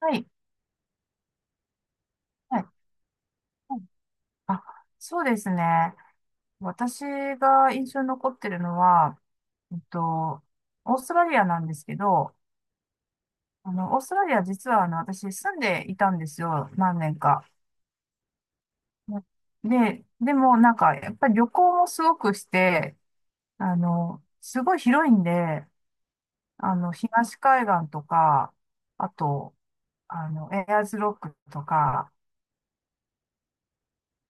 はい。はい。はい。あ、そうですね。私が印象に残ってるのは、えっと、オーストラリアなんですけど、オーストラリア実は私住んでいたんですよ。何年か。で、でもなんか、やっぱり旅行もすごくして、すごい広いんで、東海岸とか、あと、エアーズロックとか、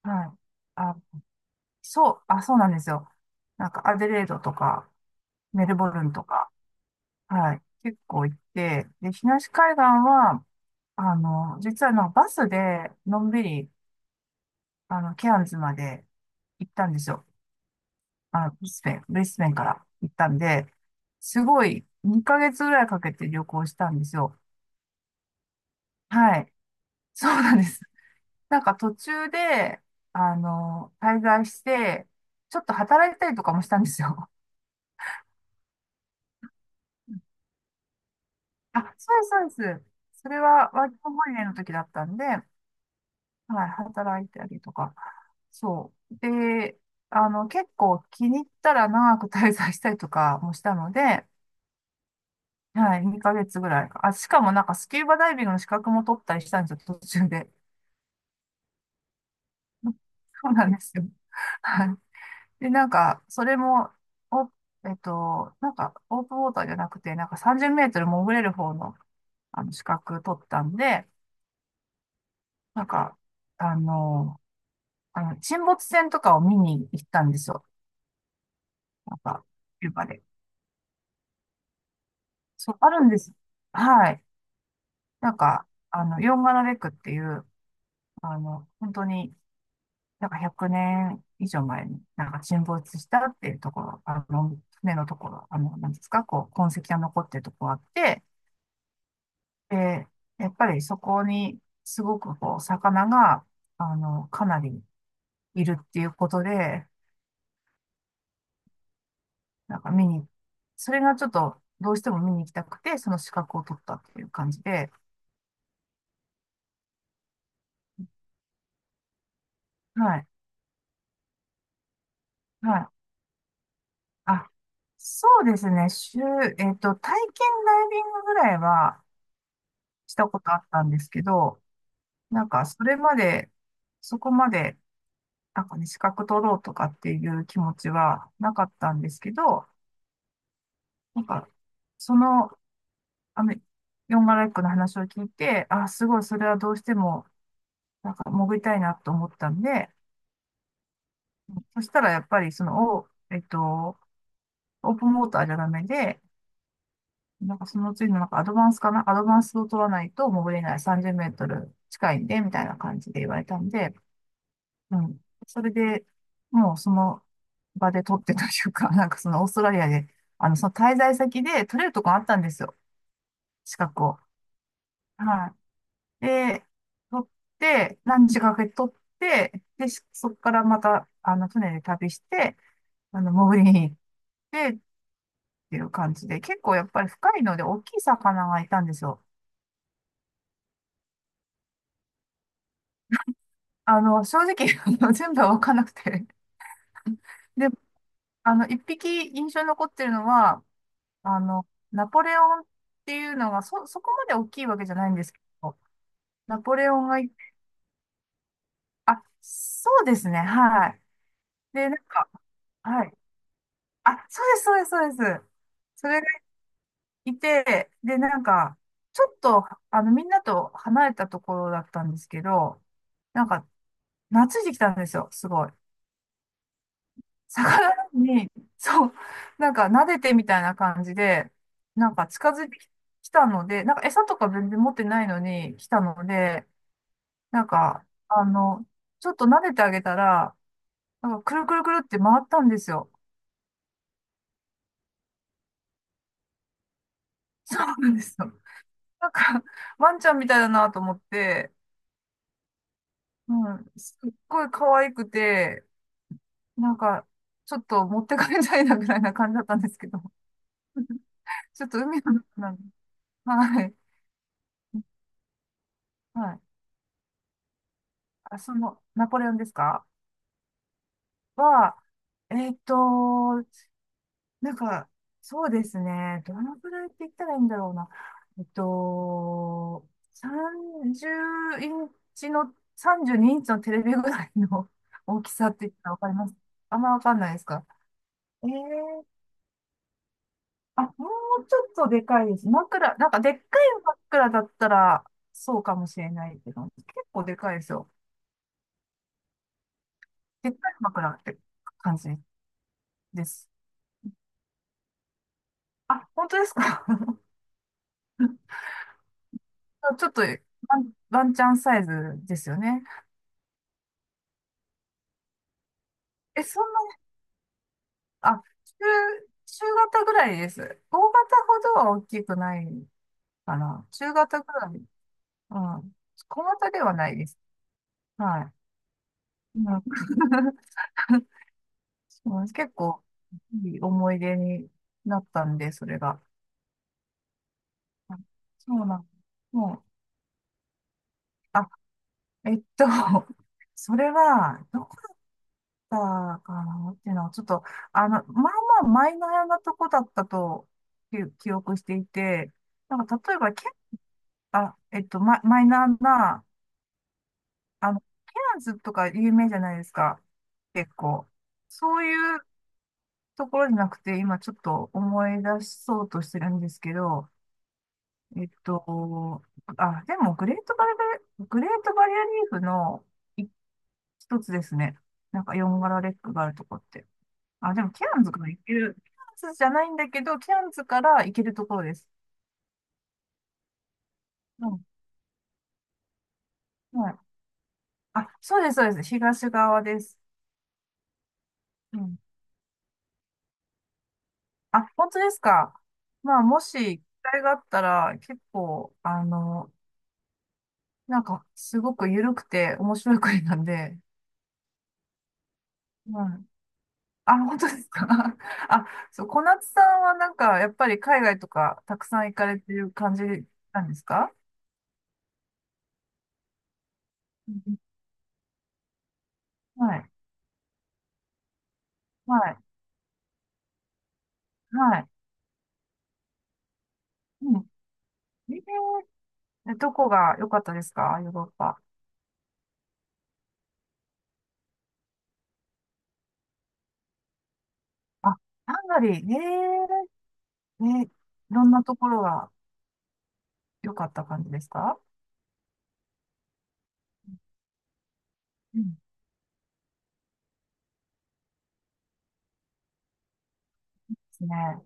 はい。あ、そう、あ、そうなんですよ。なんか、アデレードとか、メルボルンとか、はい、結構行って、で、東海岸は、実はバスで、のんびり、ケアンズまで行ったんですよ。ブリスベンから行ったんで、すごい、2ヶ月ぐらいかけて旅行したんですよ。はい。そうなんです。なんか途中で、滞在して、ちょっと働いたりとかもしたんですよ。あ、そうです、そうです。それはワーキングホリデーの時だったんで、はい、働いたりとか。そう。で、結構気に入ったら長く滞在したりとかもしたので、はい、2ヶ月ぐらいか。あ、しかもなんかスキューバダイビングの資格も取ったりしたんですよ、途中で。そうなんですよ。はい。で、なんか、それも、お、えっと、なんか、オープンウォーターじゃなくて、なんか30メートル潜れる方の、資格取ったんで、なんか、あの、沈没船とかを見に行ったんですよ。なんか、キューバで。そう、あるんです。はい。なんか、ヨンガナベクっていう、本当に、なんか100年以上前に、なんか沈没したっていうところ、船のところ、なんですか、こう、痕跡が残ってるところあって、で、やっぱりそこに、すごくこう、魚が、かなりいるっていうことで、なんか見に、それがちょっと、どうしても見に行きたくて、その資格を取ったっていう感じで、はい。はい。あ、そうですね。週、えっと、体験ダイビングぐらいはしたことあったんですけど、なんか、そこまで、なんかね、資格取ろうとかっていう気持ちはなかったんですけど、なんか、その、あの、ヨンガライクの話を聞いて、あ、すごい、それはどうしても、なんか、潜りたいなと思ったんで、そしたら、やっぱり、その、おえっと、オープンウォーターじゃダメで、なんかその次のなんかアドバンスを取らないと潜れない30メートル近いんで、みたいな感じで言われたんで、うん。それで、もうその場で取ってというか、なんかそのオーストラリアで、その滞在先で取れるとこあったんですよ。資格を。はい。で、取って、何時かかけて取って、で、そこからまた、船で旅して、潜りに行ってっていう感じで、結構やっぱり深いので大きい魚がいたんですよ。正直、あの全部は分かんなくて。で、一匹印象に残ってるのは、あの、ナポレオンっていうのが、そこまで大きいわけじゃないんですけど、ナポレオンが一匹、あ、そうですね、はい。で、なんか、はい。あ、そうです、そうです、そうです。それがいて、で、なんか、ちょっと、みんなと離れたところだったんですけど、なんか、懐いてきたんですよ、すごい。魚に、そう、なんか撫でてみたいな感じで、なんか近づいてきたので、なんか餌とか全然持ってないのに来たので、なんか、ちょっと撫でてあげたら、なんかくるくるくるって回ったんですよ。そうなんですよ。なんか、ワンちゃんみたいだなと思って、うん、すっごい可愛くて、なんか、ちょっと持って帰りたいなぐらいな感じだったんですけど、ちょっと海の中なんで、はい。はい。あ、ナポレオンですか？は、えーっと、なんか、そうですね。どのくらいって言ったらいいんだろうな。えっと、30インチの、32インチのテレビぐらいの 大きさって言ったらわかります？あんまわかんないですか？えー、あ、もうちょっとでかいです。枕、なんかでっかい枕だったら、そうかもしれないけど、結構でかいですよ。でっかい枕って感じです。あ、本当ですか？ちょっとワンチャンサイズですよね。え、そんな、あ、中型ぐらいです。大型ほどは大きくないかな。中型ぐらい。うん。小型ではないです。はい。うん。 そう、結構いい思い出になったんで、それが。そうなん。もう、あ、えっと、それは、どたかなっていうのは、ちょっと、まあまあマイナーなとこだったと記憶していて、なんか例えば、け、あ、えっと、マイナーな、ケアンズとか有名じゃないですか。結構。そういうところじゃなくて、今ちょっと思い出そうとしてるんですけど、えっと、あ、でもグレートバリアリーフの一一つですね。なんか4柄レックがあるとこって。あ、でも、ケアンズから行ける。ケアンズじゃないんだけど、ケアンズから行けるところです。うん。はい。あ、そうです、そうです。東側です。うん。あ、本当ですか。まあ、もし、機会があったら、結構、なんか、すごく緩くて面白い国なんで、うん。あ、本当ですか。あ、そう、小夏さんはなんか、やっぱり海外とかたくさん行かれてる感じなんですか？うん。はい。はい。はい。うん。えー、え、どこが良かったですか？ヨーロッパ。あ、ハンガリー。えー、え、いろんなところが良かった感じですか？うん。ですね。は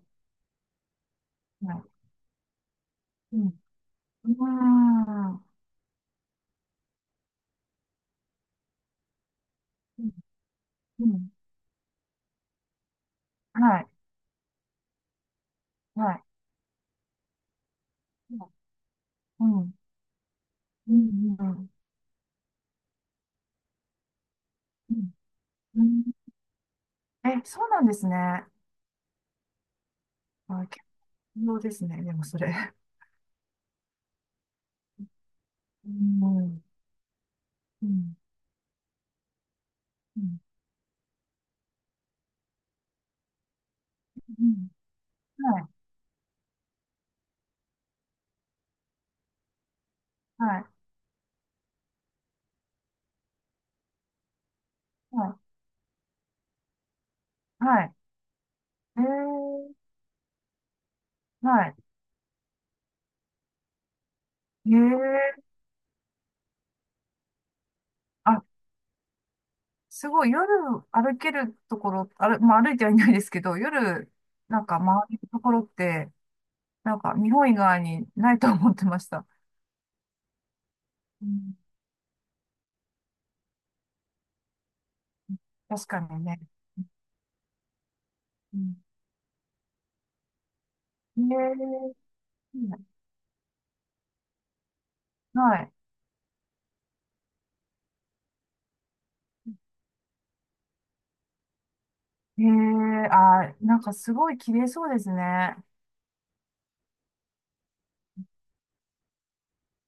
い。うん。うーん。うん。うん。はい。はい。うん。うん。うん。うん。うん。うん。え、そうなんですね。あ、結構ですね。でもそれ。うん。うん。うん。うん。はい。はい。はい。はい。えー、はい。えー、あ、すごい夜歩けるところ、まあ歩いてはいないですけど、夜なんか回るところって、なんか日本以外にないと思ってました。うん、確かにね。うん、ええ、はい。へえ、あー、なんかすごい綺麗そうですね。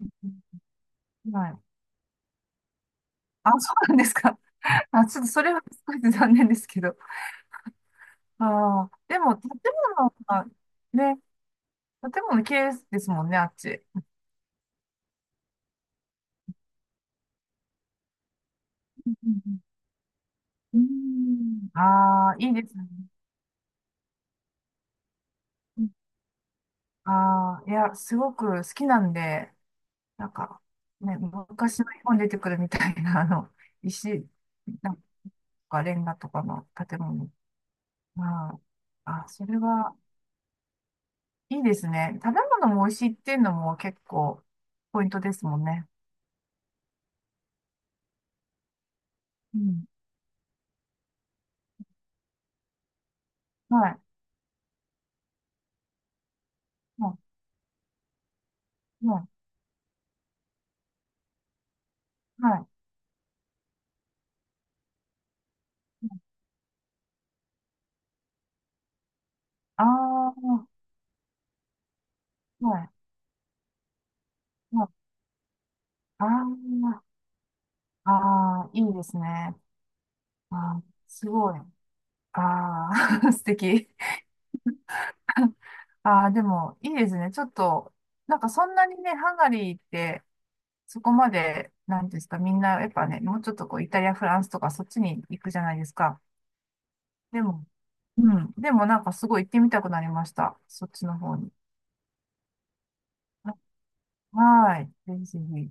うん、はい。あ、そうなんですか。あ、ちょっとそれは少し残念ですけど。ああ、でも物がね、建物綺麗ですもんね、あっち。うん。うん。うん。ああー、いいですね。ああー、いや、すごく好きなんで、なんか、ね、昔の日本に出てくるみたいな、石、なんか、レンガとかの建物。まあ、あ、それはいいですね。食べ物も美味しいっていうのも結構ポイントですもんね。うん。はい。はい。はい。はい。ああ、はい。はい。ああ、ああ、いいですね。ああ、すごい。ああ、素敵。ああ、でも、いいですね。ちょっと、なんかそんなにね、ハンガリーって、そこまで、なんていうんですか、みんな、やっぱね、もうちょっとこう、イタリア、フランスとか、そっちに行くじゃないですか。でも、うん。でも、なんかすごい行ってみたくなりました。そっちの方に。は、はーい。ぜひぜひ。